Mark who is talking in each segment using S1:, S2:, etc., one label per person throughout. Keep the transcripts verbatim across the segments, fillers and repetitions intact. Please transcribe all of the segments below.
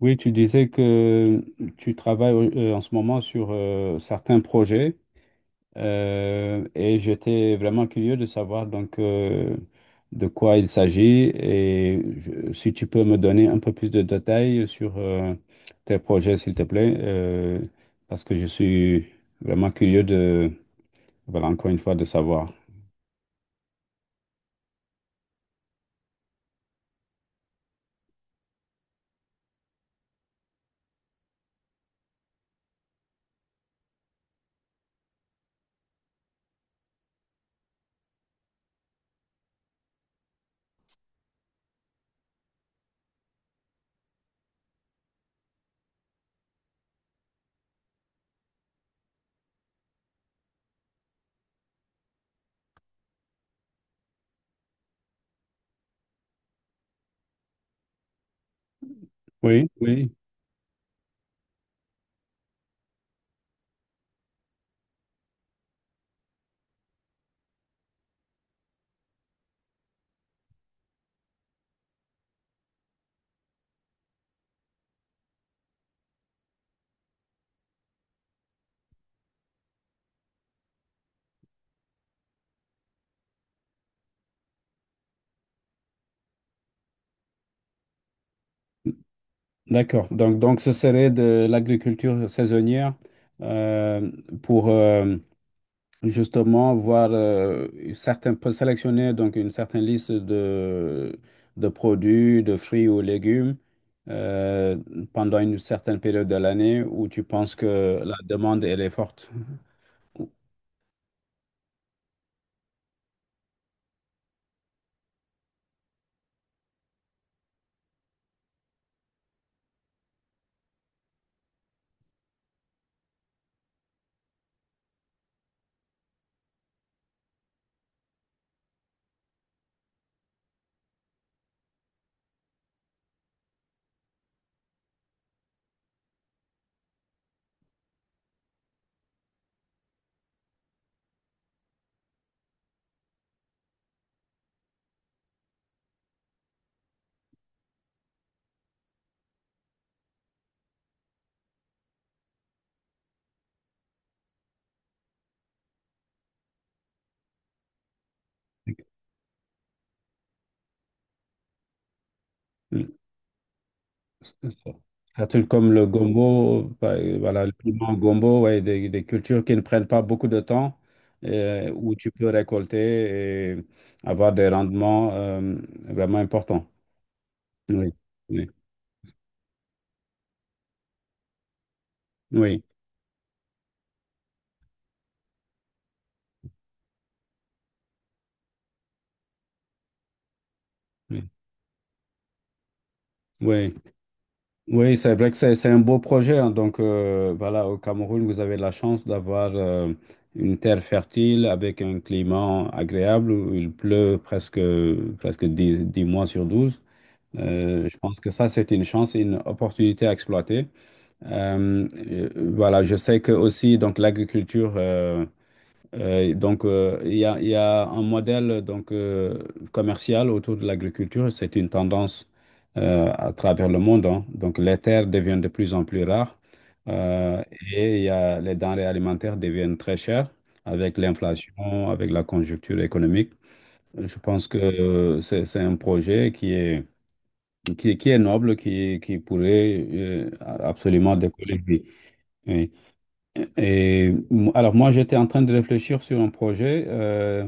S1: Oui, tu disais que tu travailles euh, en ce moment sur euh, certains projets euh, et j'étais vraiment curieux de savoir donc euh, de quoi il s'agit et je- si tu peux me donner un peu plus de détails sur euh, tes projets, s'il te plaît, euh, parce que je suis vraiment curieux de, voilà, encore une fois, de savoir. Oui, oui. D'accord. Donc, donc, ce serait de l'agriculture saisonnière euh, pour... justement voir euh, certains, peut sélectionner donc une certaine liste de, de produits, de fruits ou légumes euh, pendant une certaine période de l'année où tu penses que la demande elle est forte. Le- Un comme le gombo, par- voilà, le piment gombo, ouais, des, des cultures qui ne prennent pas beaucoup de temps, euh, où tu peux récolter et avoir des rendements euh, vraiment importants. Oui, oui, oui, oui. Oui. Oui, c'est vrai que c'est c'est un beau projet, hein. Donc, euh, voilà, au Cameroun, vous avez la chance d'avoir euh, une terre fertile avec un climat agréable où il pleut presque, presque dix 10 mois sur douze. Euh, je pense que ça, c'est une chance et une opportunité à exploiter. Euh, euh, voilà, je sais que aussi, donc, l'agriculture. euh, euh, donc, euh, il y a, il y a un modèle donc, euh, commercial autour de l'agriculture. C'est une tendance euh, à travers le monde, hein. Donc, les terres deviennent de plus en plus rares euh, et il y a, les denrées alimentaires deviennent très chères avec l'inflation, avec la conjoncture économique. Je pense que euh, c'est, c'est un projet qui est, qui, est qui est noble, qui, qui pourrait euh, absolument décoller. Oui. Oui. Et, et, mo- alors moi, j'étais en train de réfléchir sur un projet, euh,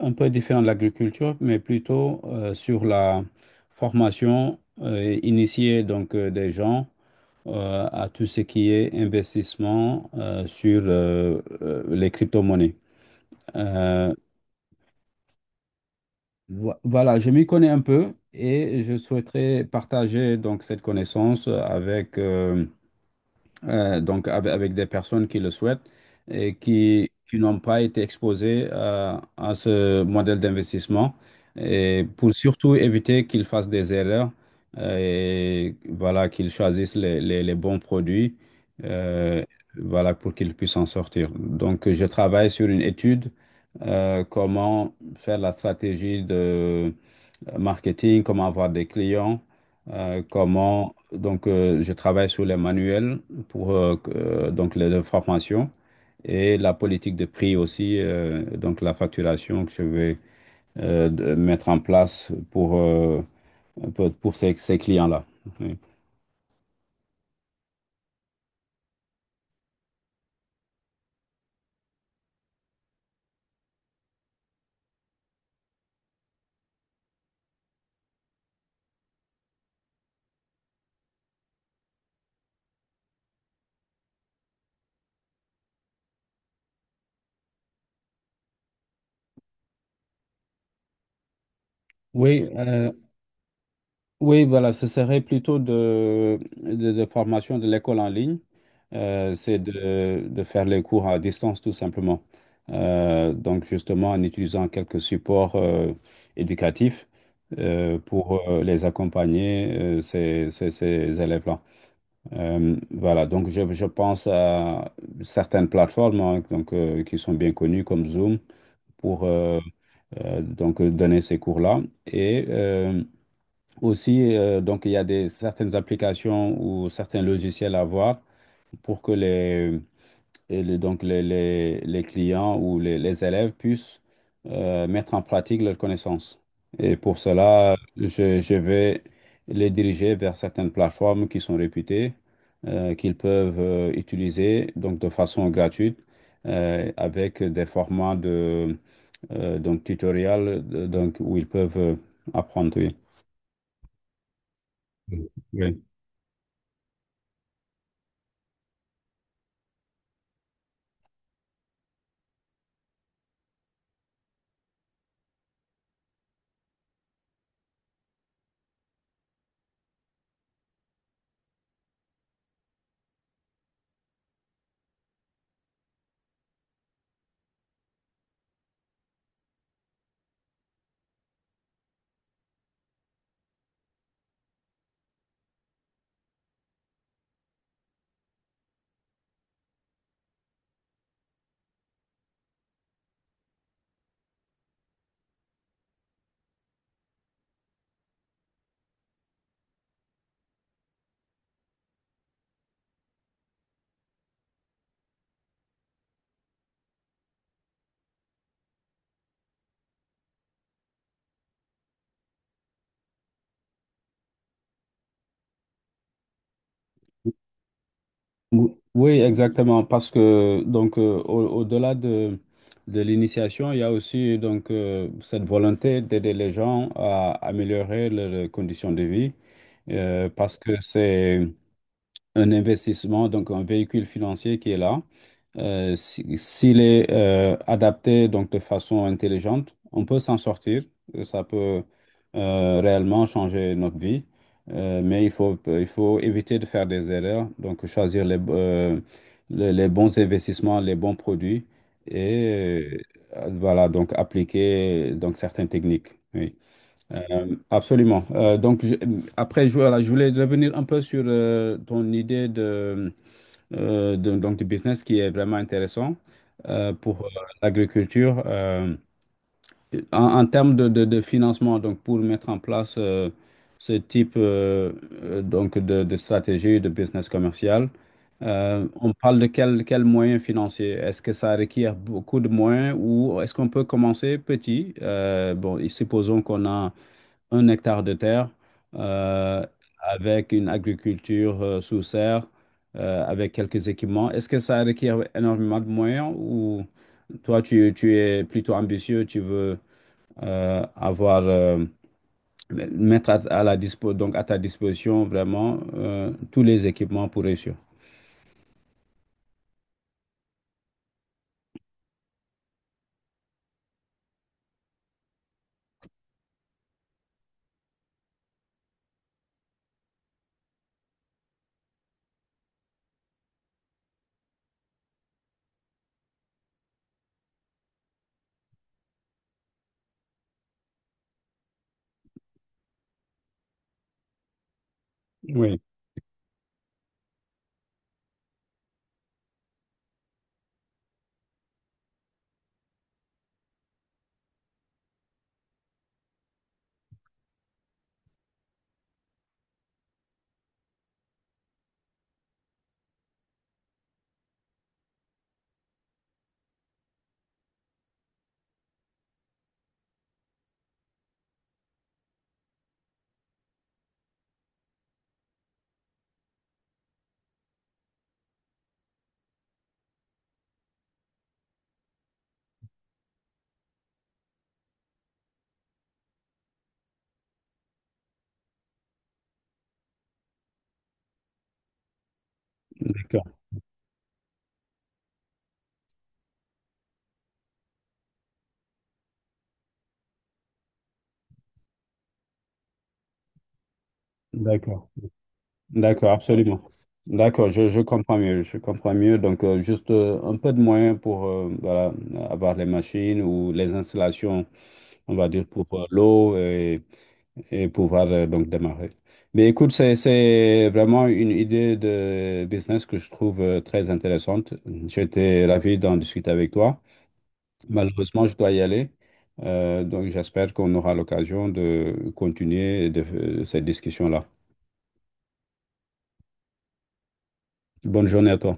S1: un peu différent de l'agriculture, mais plutôt euh, sur la formation euh, et initier donc euh, des gens euh, à tout ce qui est investissement euh, sur euh, euh, les crypto-monnaies. Euh, vo- voilà, je m'y connais un peu et je souhaiterais partager donc cette connaissance avec euh, euh, donc avec, avec des personnes qui le souhaitent et qui, qui n'ont pas été exposées euh, à ce modèle d'investissement et pour surtout éviter qu'ils fassent des erreurs euh, et voilà, qu'ils choisissent les, les- les bons produits, euh, voilà, pour qu'ils puissent en sortir. Donc, je travaille sur une étude, euh, comment faire la stratégie euh, marketing, comment avoir des clients, euh, comment... Donc, euh, je travaille sur les manuels pour euh, que- euh, donc les, les formations et la politique de prix aussi, euh, donc la facturation que je vais euh, de- mettre en place pour, euh, pour, pour ces, ces clients-là. Oui, Oui, euh, Oui, voilà, ce serait plutôt de, de, de formation de l'école en ligne. Euh, c'est de, de faire les cours à distance, tout simplement. Euh, donc, justement, en utilisant quelques supports euh, éducatifs euh, pour euh, les accompagner, euh, ces, ces, ces élèves-là. Euh, voilà, donc je, je pense à certaines plateformes, hein, donc, euh, qui sont bien connues comme Zoom pour euh, euh, donc, euh, donner ces cours-là. Et, euh, aussi, euh, donc, il y a des, certaines applications ou certains logiciels à voir pour que les, et les- donc les, les, les clients ou les, les élèves puissent euh, mettre en pratique leurs connaissances. Et pour cela, je, je vais les diriger vers certaines plateformes qui sont réputées, euh, qu'ils peuvent euh, utiliser donc de façon gratuite euh, avec des formats de euh, donc tutoriels donc, où ils peuvent euh, apprendre. Oui. Oui. Ou- Oui, exactement, parce que donc euh, au- au-delà de, de l'initiation, il y a aussi donc euh, cette volonté d'aider les gens à améliorer leurs conditions de vie, euh, parce que c'est un investissement, donc un véhicule financier qui est là. Euh, si- s'il est euh, adapté donc de façon intelligente, on peut s'en sortir. Ça peut euh, réellement changer notre vie. Euh, mais il faut, il faut éviter de faire des erreurs, donc choisir les, euh, les, les bons investissements, les bons produits et euh, voilà, donc appliquer donc certaines techniques. Oui. Euh, absolument. Euh, donc je- après, je, voilà, je voulais revenir un peu sur euh, ton idée de euh, de- donc du business qui est vraiment intéressant euh, pour euh, l'agriculture, euh, en, en termes de, de- de financement, donc pour mettre en place euh, ce type euh, euh, donc de, de stratégie de business commercial, euh, on parle de quels quel moyens financiers? Est-ce que ça requiert beaucoup de moyens ou est-ce qu'on peut commencer petit? Euh, bon, et supposons qu'on a un hectare de terre euh, avec une agriculture euh, sous serre, euh, avec quelques équipements. Est-ce que ça requiert énormément de moyens ou toi, tu, tu es plutôt ambitieux, tu veux euh, avoir, euh, mettre à, à la dispo, donc à ta disposition vraiment euh, tous les équipements pour réussir? Oui, d'accord, d'accord. D'accord, voilà, absolument. D'accord, je, je comprends mieux, je comprends mieux. Donc, euh, juste euh, un peu de moyens pour euh, voilà, avoir les machines ou les installations, on va dire, pour euh, l'eau et, et pouvoir euh, donc démarrer. Mais écoute, c'est, c'est vraiment une idée de business que je trouve euh, très intéressante. J'étais ravi d'en discuter avec toi. Malheureusement, je dois y aller. Euh, donc, j'espère qu'on aura l'occasion de continuer de, euh, cette discussion-là. Bonne journée à toi.